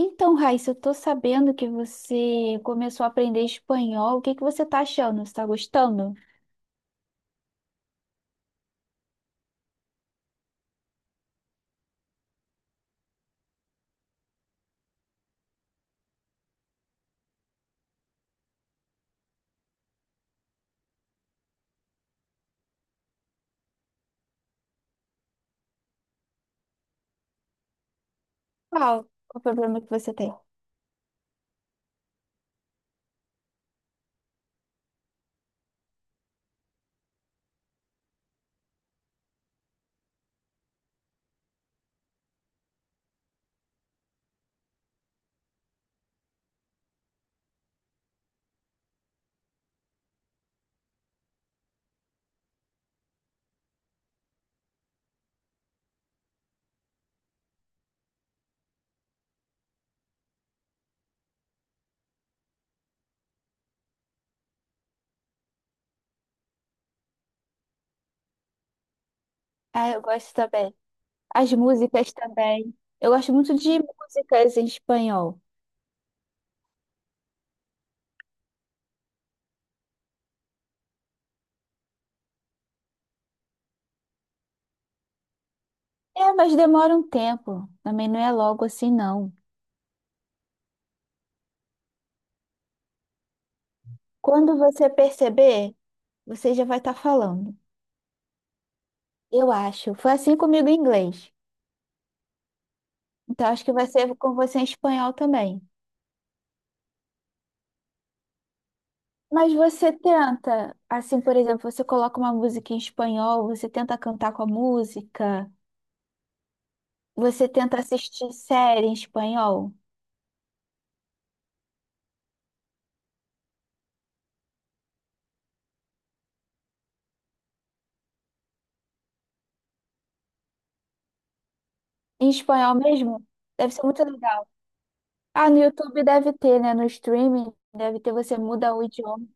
Então, Raíssa, eu tô sabendo que você começou a aprender espanhol. O que você tá achando? Você tá gostando? Qual o problema que você tem? Ah, eu gosto também. As músicas também. Eu gosto muito de músicas em espanhol. É, mas demora um tempo. Também não é logo assim, não. Quando você perceber, você já vai estar falando. Eu acho. Foi assim comigo em inglês. Então, acho que vai ser com você em espanhol também. Mas você tenta, assim, por exemplo, você coloca uma música em espanhol, você tenta cantar com a música, você tenta assistir série em espanhol. Em espanhol mesmo? Deve ser muito legal. Ah, no YouTube deve ter, né? No streaming deve ter, você muda o idioma.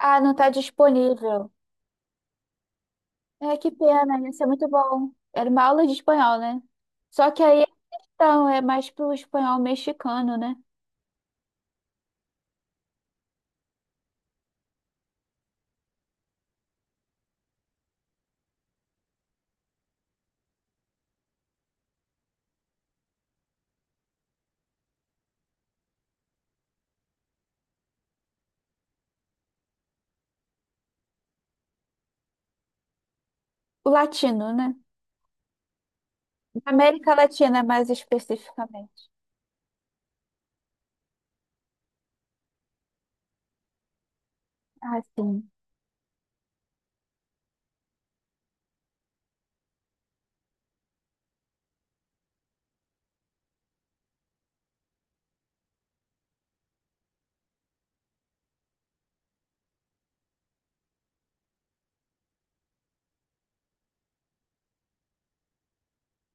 Ah, não tá disponível. É, que pena, ia ser muito bom. Era uma aula de espanhol, né? Só que aí, então, é mais pro espanhol mexicano, né? O latino, né? América Latina, mais especificamente. Ah, sim.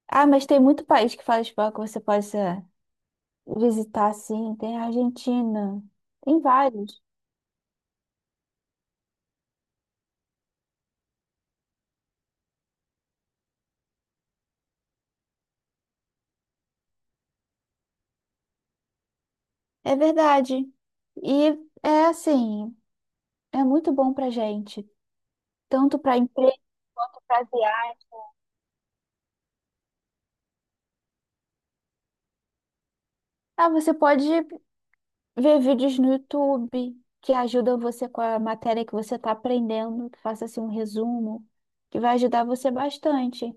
Ah, mas tem muito país que fala espanhol que você pode visitar, sim. Tem a Argentina, tem vários. É verdade. E é assim, é muito bom pra gente, tanto para emprego, para viagem. Ah, você pode ver vídeos no YouTube que ajudam você com a matéria que você está aprendendo, que faça assim um resumo, que vai ajudar você bastante.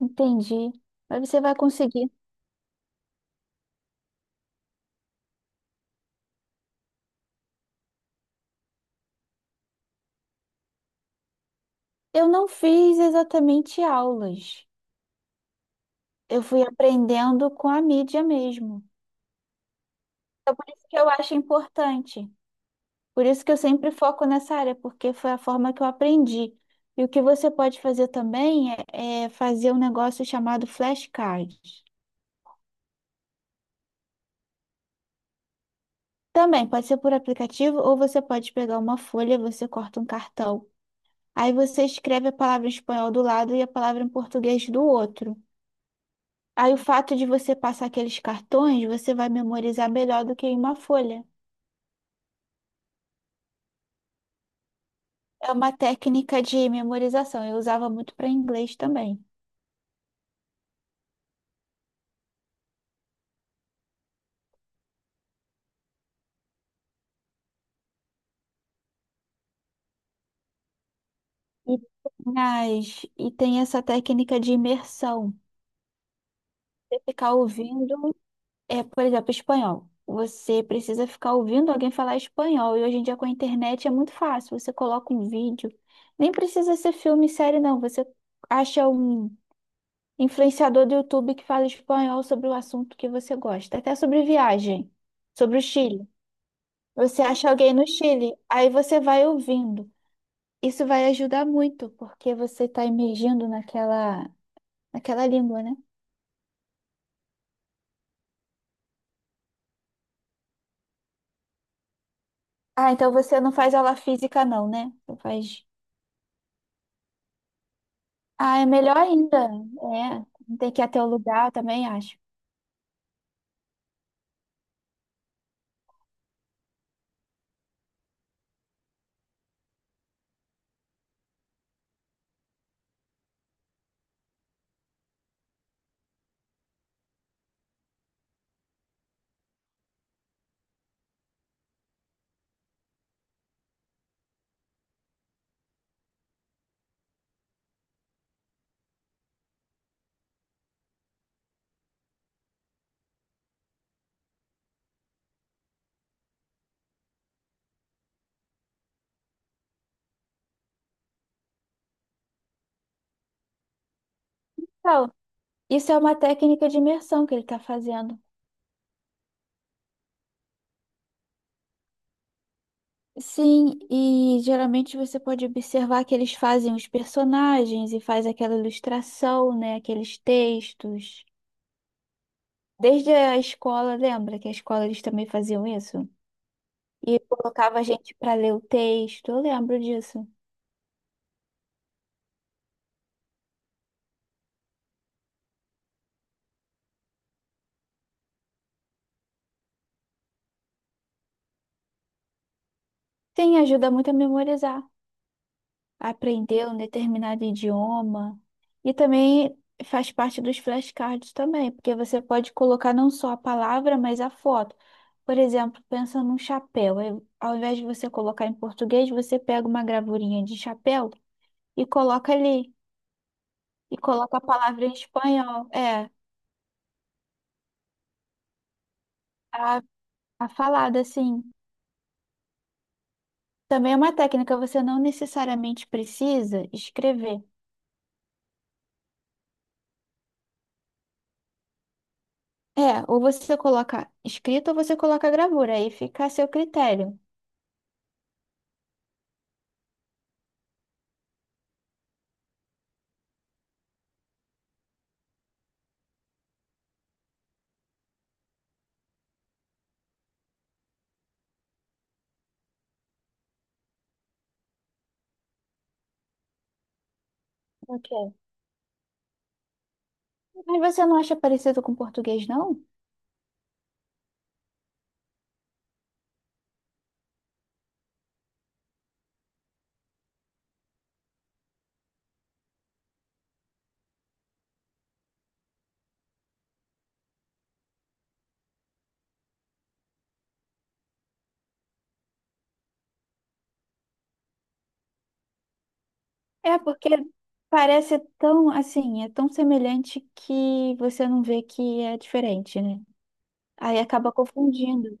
Entendi. Mas você vai conseguir. Eu não fiz exatamente aulas. Eu fui aprendendo com a mídia mesmo, que eu acho importante. Por isso que eu sempre foco nessa área, porque foi a forma que eu aprendi. E o que você pode fazer também é fazer um negócio chamado flashcard. Também pode ser por aplicativo ou você pode pegar uma folha, você corta um cartão. Aí você escreve a palavra em espanhol do lado e a palavra em português do outro. Aí o fato de você passar aqueles cartões, você vai memorizar melhor do que em uma folha. É uma técnica de memorização. Eu usava muito para inglês também. E tem essa técnica de imersão. Você ficar ouvindo, é, por exemplo, espanhol. Você precisa ficar ouvindo alguém falar espanhol. E hoje em dia com a internet é muito fácil. Você coloca um vídeo. Nem precisa ser filme, série, não. Você acha um influenciador do YouTube que fala espanhol sobre o assunto que você gosta. Até sobre viagem, sobre o Chile. Você acha alguém no Chile, aí você vai ouvindo. Isso vai ajudar muito, porque você está imergindo naquela, naquela língua, né? Ah, então você não faz aula física, não, né? Você faz. Ah, é melhor ainda. É, não tem que ir até o lugar, eu também acho. Então, isso é uma técnica de imersão que ele está fazendo. Sim, e geralmente você pode observar que eles fazem os personagens e faz aquela ilustração, né? Aqueles textos. Desde a escola, lembra que a escola eles também faziam isso? E colocava a gente para ler o texto. Eu lembro disso. Sim, ajuda muito a memorizar, a aprender um determinado idioma. E também faz parte dos flashcards também, porque você pode colocar não só a palavra, mas a foto. Por exemplo, pensa num chapéu. Aí, ao invés de você colocar em português, você pega uma gravurinha de chapéu e coloca ali. E coloca a palavra em espanhol. É, a, a falada, assim. Também é uma técnica, você não necessariamente precisa escrever. É, ou você coloca escrito ou você coloca gravura, aí fica a seu critério. Ok. Mas você não acha parecido com português, não? É, porque parece tão assim, é tão semelhante que você não vê que é diferente, né? Aí acaba confundindo.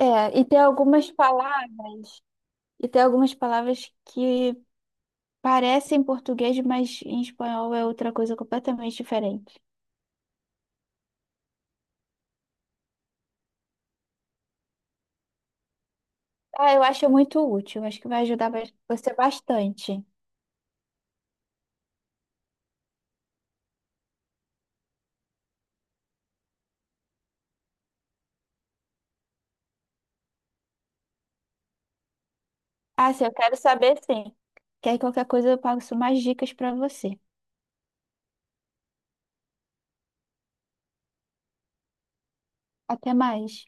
É, e tem algumas palavras, e tem algumas palavras que parecem português, mas em espanhol é outra coisa completamente diferente. Ah, eu acho muito útil. Acho que vai ajudar você bastante. Ah, sim, eu quero saber sim. Que aí qualquer coisa eu passo mais dicas para você. Até mais.